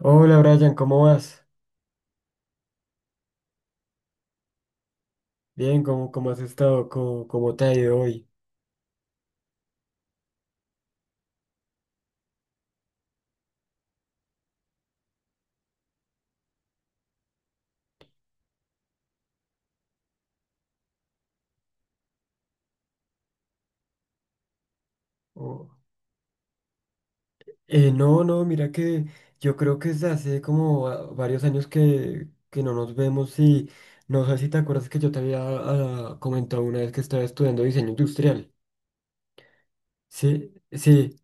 Hola Brian, ¿cómo vas? Bien, ¿¿cómo has estado? ¿¿Cómo te ha ido hoy? Oh, no, no, mira que yo creo que es hace como varios años que no nos vemos y no sé si te acuerdas que yo te había comentado una vez que estaba estudiando diseño industrial. Sí, sí,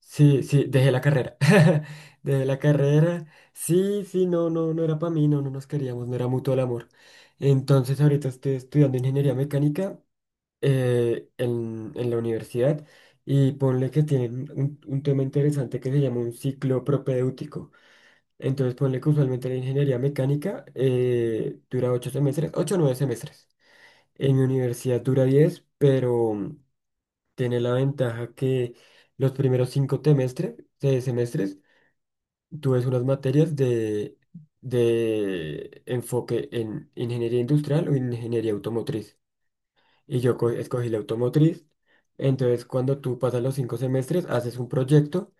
sí, sí, dejé la carrera. Dejé la carrera. Sí, sí, no, no, no era para mí, no, no nos queríamos, no era mutuo el amor. Entonces ahorita estoy estudiando ingeniería mecánica en la universidad y ponle que tienen un tema interesante que se llama un ciclo propedéutico. Entonces ponle que usualmente la ingeniería mecánica dura ocho semestres, ocho o nueve semestres. En mi universidad dura 10 pero tiene la ventaja que los primeros cinco semestres, tú ves unas materias de enfoque en ingeniería industrial o ingeniería automotriz y yo escogí la automotriz. Entonces, cuando tú pasas los cinco semestres, haces un proyecto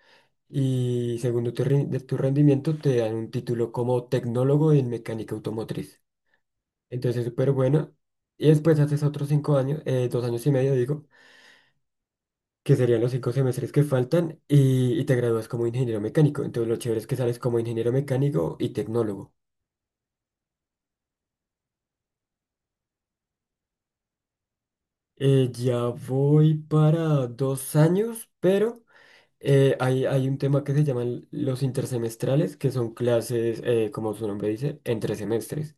y según tu, de tu rendimiento te dan un título como tecnólogo en mecánica automotriz. Entonces, es súper bueno. Y después haces otros cinco años, dos años y medio, digo, que serían los cinco semestres que faltan y te gradúas como ingeniero mecánico. Entonces, lo chévere es que sales como ingeniero mecánico y tecnólogo. Ya voy para dos años, pero... hay, hay un tema que se llaman los intersemestrales, que son clases, como su nombre dice, entre semestres.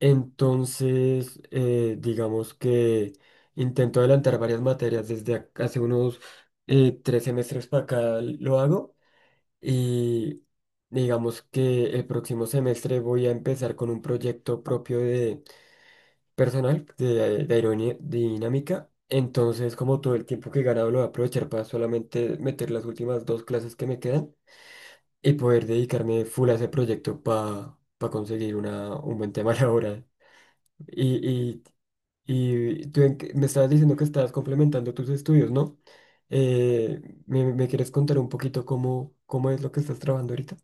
Entonces, digamos que intento adelantar varias materias desde hace unos tres semestres para acá lo hago y digamos que el próximo semestre voy a empezar con un proyecto propio de personal de aerodinámica. Entonces, como todo el tiempo que gana lo voy a aprovechar para solamente meter las últimas dos clases que me quedan y poder dedicarme full a ese proyecto para conseguir una, un buen tema laboral. Y, y, y tú en me estabas diciendo que estabas complementando tus estudios, ¿no? Eh, ¿Me, me quieres contar un poquito cómo, cómo es lo que estás trabajando ahorita?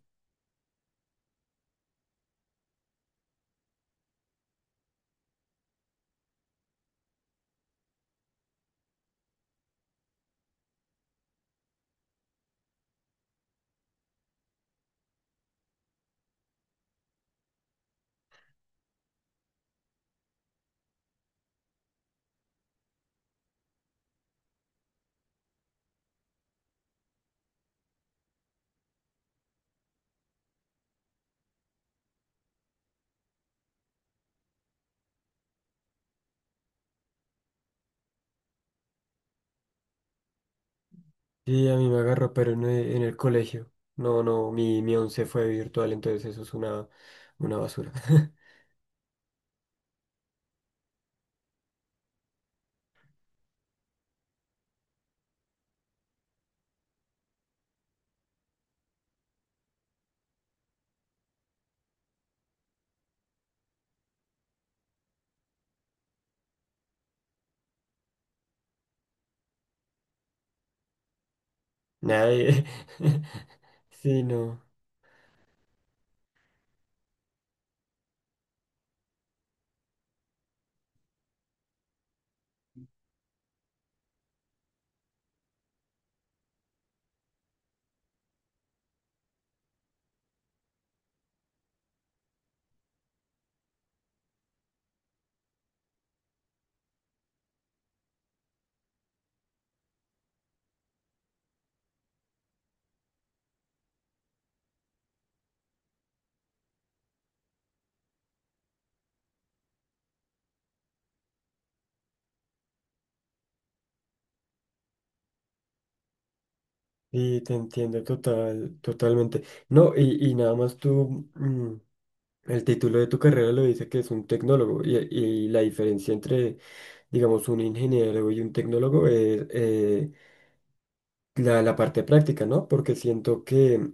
Sí, a mí me agarró, pero en, en el colegio. No, no, mi once fue virtual, entonces eso es una basura. Nadie. Sí, no. Sí, te entiendo total, totalmente. No, y nada más tú. El título de tu carrera lo dice que es un tecnólogo y la diferencia entre, digamos, un ingeniero y un tecnólogo es la, la parte práctica, ¿no? Porque siento que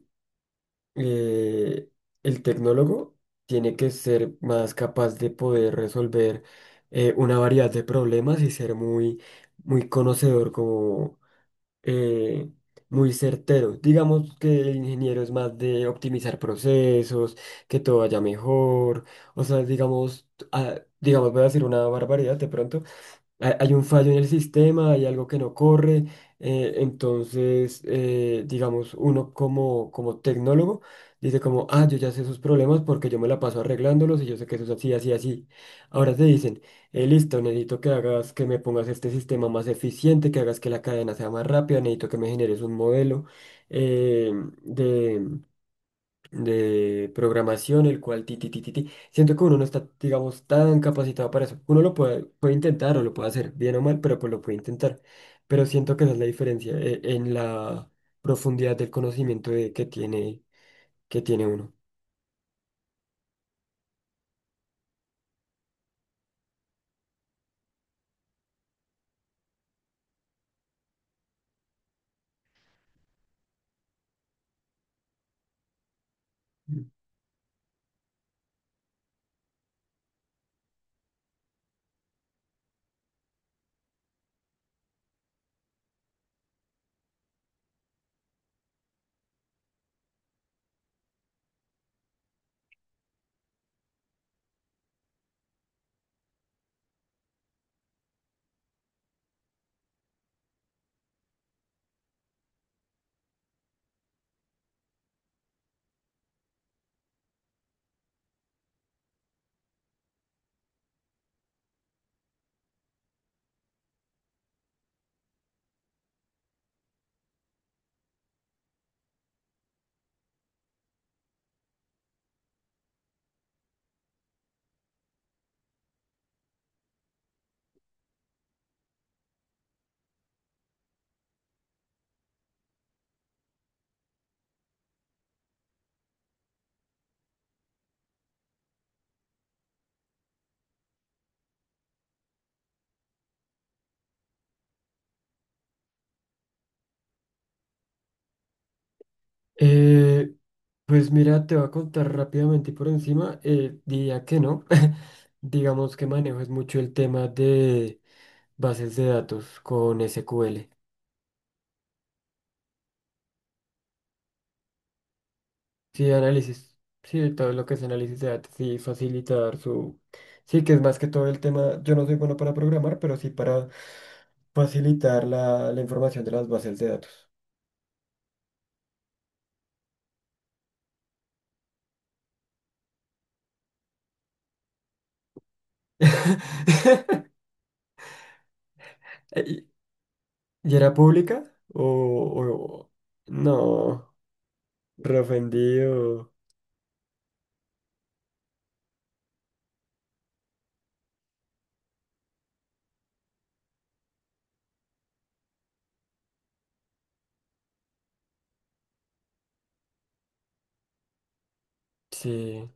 eh, el tecnólogo tiene que ser más capaz de poder resolver una variedad de problemas y ser muy, muy conocedor como eh, muy certero. Digamos que el ingeniero es más de optimizar procesos, que todo vaya mejor. O sea, digamos, digamos, voy a decir una barbaridad de pronto hay hay un fallo en el sistema, hay algo que no corre, entonces, digamos, uno como, como tecnólogo dice como, ah, yo ya sé esos problemas porque yo me la paso arreglándolos y yo sé que eso es así, así, así. Ahora te dicen, listo, necesito que hagas, que me pongas este sistema más eficiente, que hagas que la cadena sea más rápida, necesito que me generes un modelo eh, de programación, el cual ti, ti, ti, ti, ti. Siento que uno no está, digamos, tan capacitado para eso. Uno lo puede, puede intentar o lo puede hacer, bien o mal, pero pues lo puede intentar. Pero siento que esa es la diferencia en la profundidad del conocimiento que tiene uno. Eh, pues mira, te voy a contar rápidamente y por encima, diría que no. Digamos que manejo es mucho el tema de bases de datos con SQL. Sí, análisis. Sí, todo lo que es análisis de datos y facilitar su... Sí, que es más que todo el tema, yo no soy bueno para programar, pero sí para facilitar la, la información de las bases de datos. ¿Y y era pública? O, o- no, reofendido. Sí.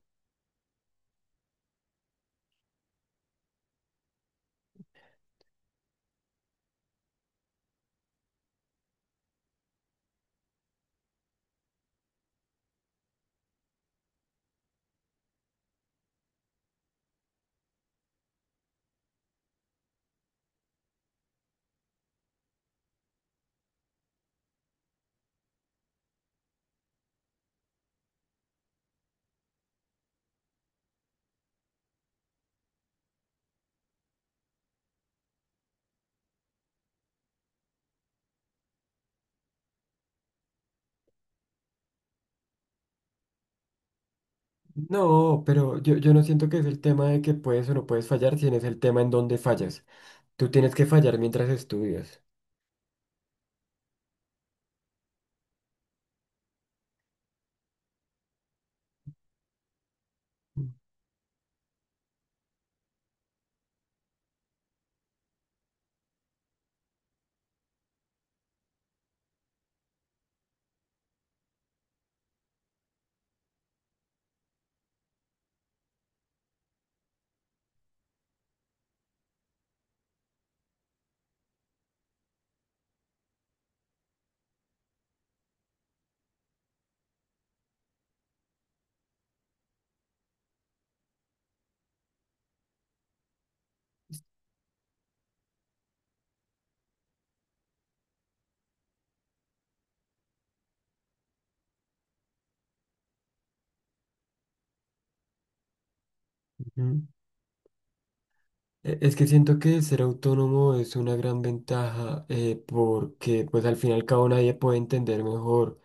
No, pero yo no siento que es el tema de que puedes o no puedes fallar, sino es el tema en donde fallas. Tú tienes que fallar mientras estudias. Ujú. Es que siento que ser autónomo es una gran ventaja porque pues al fin y al cabo nadie puede entender mejor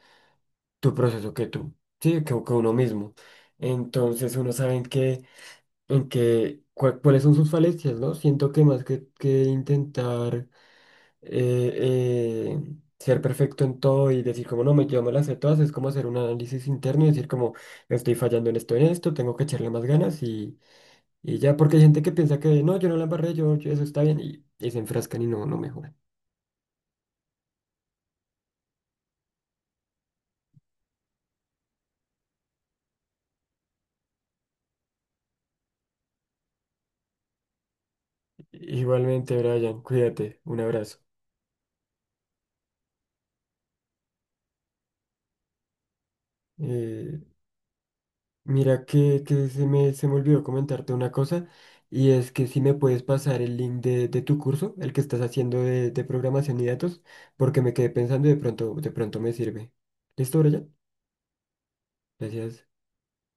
tu proceso que tú, sí, que uno mismo. Entonces uno sabe en qué, cuáles son sus falencias, ¿no? Siento que más que intentar eh, ser perfecto en todo y decir como no, me, yo me las sé todas, es como hacer un análisis interno y decir como estoy fallando en esto, tengo que echarle más ganas y ya, porque hay gente que piensa que no, yo no la embarré, yo, eso está bien, y se enfrascan y no, no mejoran. Igualmente, Brian, cuídate, un abrazo. Eh, mira que se me olvidó comentarte una cosa, y es que si me puedes pasar el link de tu curso, el que estás haciendo de programación y datos, porque me quedé pensando y de pronto me sirve. ¿Listo, Brian? Gracias.